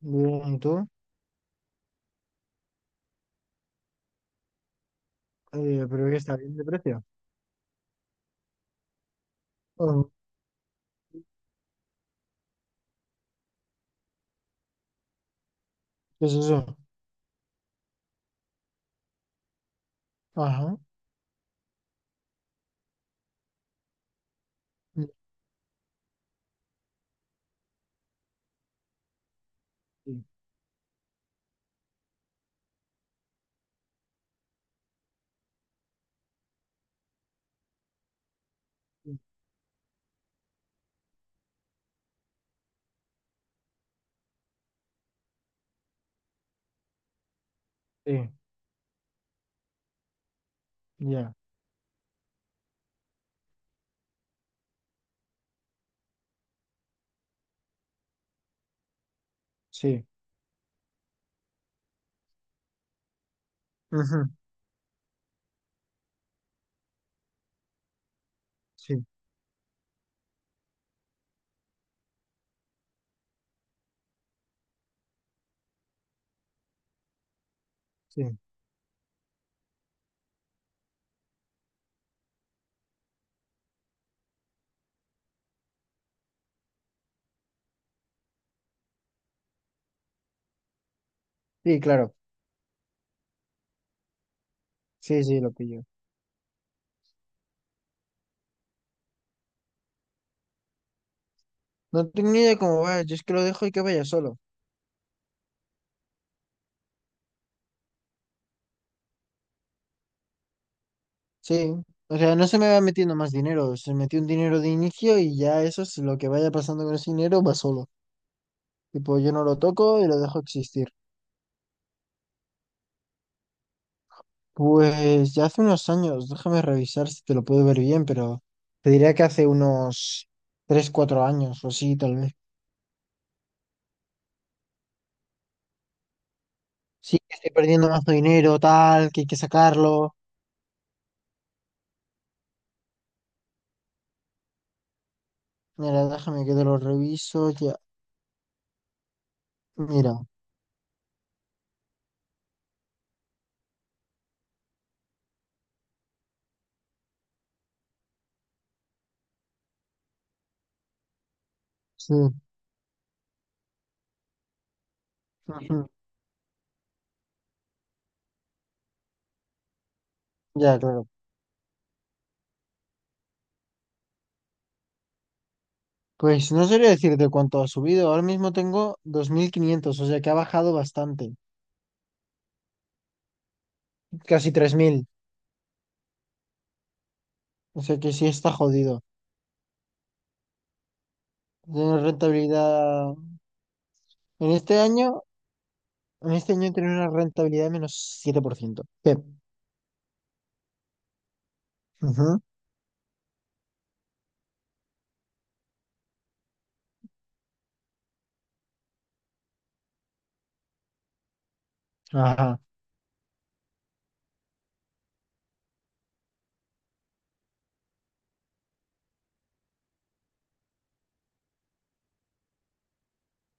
Bien, ¿y tú? Pero que está bien de precio. Oh, ¿qué es eso? Ajá. Mm. Sí, sí, sí, ya, sí. Ujú. Sí, sí. Sí, claro. Sí, sí, lo pillo. No tengo ni idea cómo va. Yo es que lo dejo y que vaya solo. Sí. O sea, no se me va metiendo más dinero. Se metió un dinero de inicio y ya eso es lo que vaya pasando con ese dinero va solo. Tipo, yo no lo toco y lo dejo existir. Pues ya hace unos años, déjame revisar si te lo puedo ver bien, pero te diría que hace unos 3 4 años o así, tal vez. Sí, que estoy perdiendo más dinero, tal, que hay que sacarlo. Mira, déjame que te lo reviso. Ya, mira, sí. Ujú. Ya, claro. Pues no sabría decirte cuánto ha subido. Ahora mismo tengo 2.500, o sea que ha bajado bastante. Casi 3.000. O sea que sí está jodido. Tiene rentabilidad. En este año. En este año tiene una rentabilidad de menos 7%. Sí. Ujú. Ajá.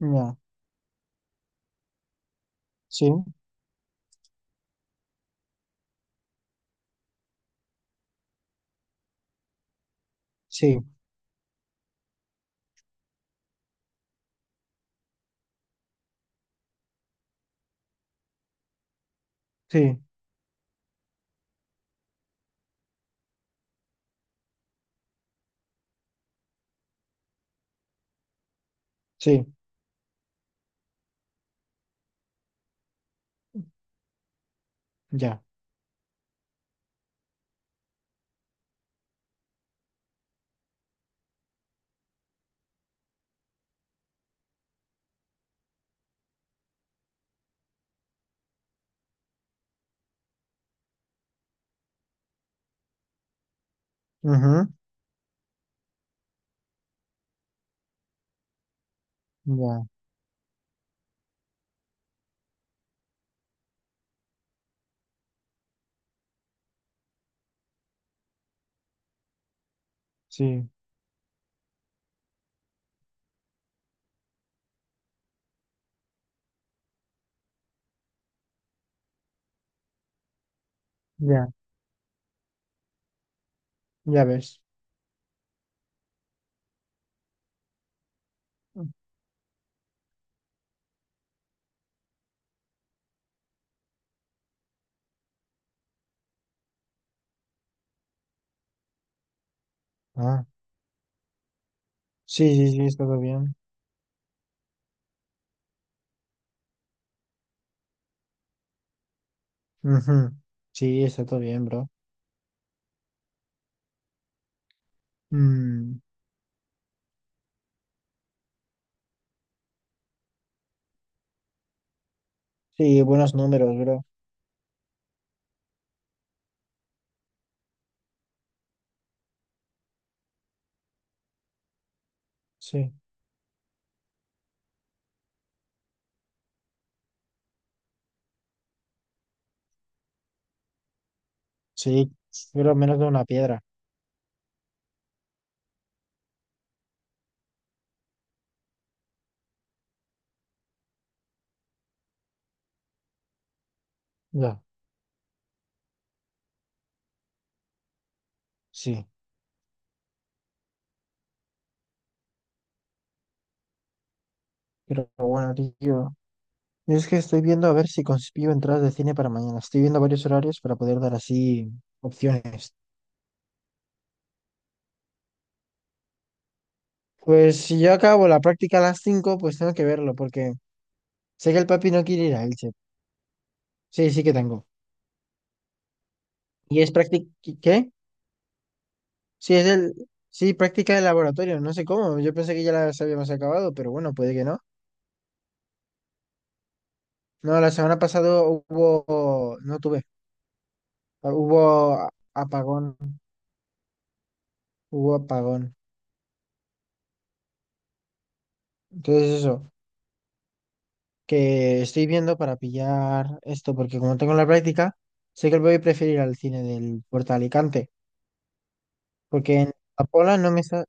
Ya. Sí. Sí. Sí. Sí. Ya. Ujú. Ya. Sí. Ya. Ya ves. Ah. Sí, sí, sí, está todo bien. Ujú. Sí, está todo bien, bro. Mm. Sí, buenos números, bro. Sí. Sí. Pero menos de una piedra. Ya. Sí. Pero bueno, tío. Yo es que estoy viendo a ver si consigo entradas de cine para mañana. Estoy viendo varios horarios para poder dar así opciones. Pues si yo acabo la práctica a las cinco, pues tengo que verlo, porque sé que el papi no quiere ir a Elche. Sí, sí que tengo. ¿Y es práctica? ¿Qué? Sí, es el... Sí, práctica de laboratorio. No sé cómo. Yo pensé que ya las habíamos acabado, pero bueno, puede que no. No, la semana pasada hubo... No tuve. Hubo apagón. Hubo apagón. Entonces eso, que estoy viendo para pillar esto, porque como tengo la práctica, sé que voy a preferir al cine del Puerto de Alicante, porque en Apola no me sale...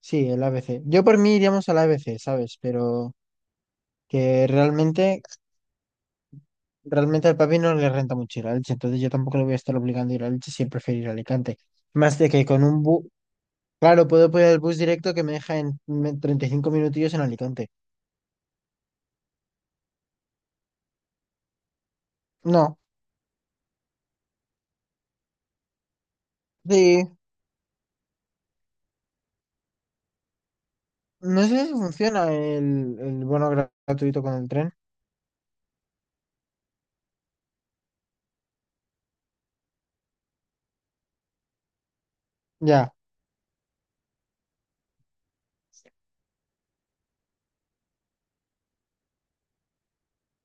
Sí, el ABC. Yo por mí iríamos al ABC, ¿sabes? Pero que realmente, realmente al papi no le renta mucho ir a Elche, entonces yo tampoco le voy a estar obligando a ir a Elche si él prefiere ir a Alicante. Más de que con un bus... Claro, puedo poner el bus directo que me deja en 35 minutillos en Alicante. No, sí, no sé si funciona el bono gratuito con el tren. Ya.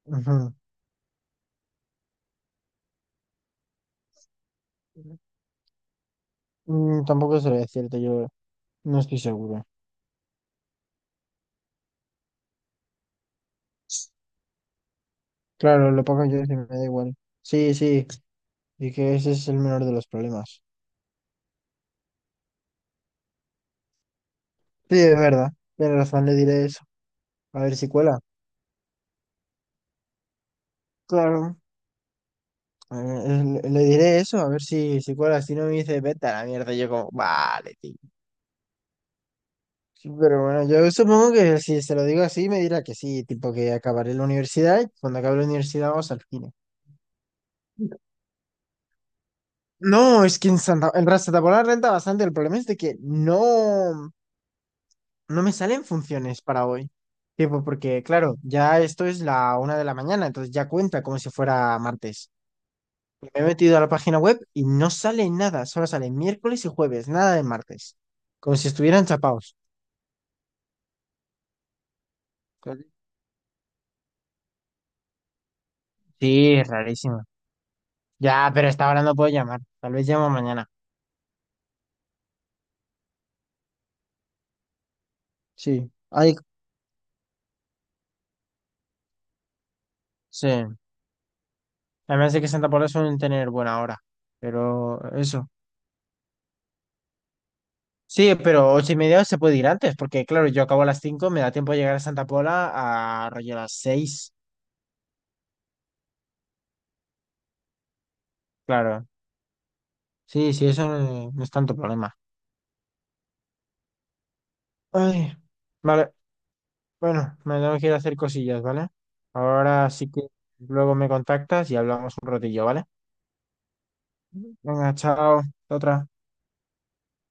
Ujú. Mm, tampoco sería cierto, yo no estoy seguro. Claro, lo pago yo, sí, me da igual. Sí, sí, y que ese es el menor de los problemas. Sí, es verdad, tiene razón, le diré eso. A ver si cuela. Claro, a ver, le diré eso, a ver si, si cuela. Si no, me dice, vete a la mierda, yo como, vale, tío. Sí, pero bueno, yo supongo que si se lo digo así, me dirá que sí, tipo que acabaré la universidad y cuando acabe la universidad vamos al cine. No, es que en Santa, Santa Pola renta bastante. El problema es de que no, no me salen funciones para hoy. Tipo, porque claro, ya esto es la una de la mañana, entonces ya cuenta como si fuera martes. Me he metido a la página web y no sale nada, solo sale miércoles y jueves, nada de martes. Como si estuvieran chapados. Sí, es rarísimo. Ya, pero hasta ahora no puedo llamar. Tal vez llamo mañana. Sí, hay. Sí. Además de que Santa Paula suelen tener buena hora. Pero eso. Sí, pero 8:30 se puede ir antes, porque claro, yo acabo a las cinco, me da tiempo de llegar a Santa Paula a rollo a las seis. Claro. Sí, sí, eso no, no es tanto problema. Ay, vale. Bueno, me tengo que ir a hacer cosillas, ¿vale? Ahora sí que luego me contactas y hablamos un ratillo, ¿vale? Venga, chao. Hasta otra.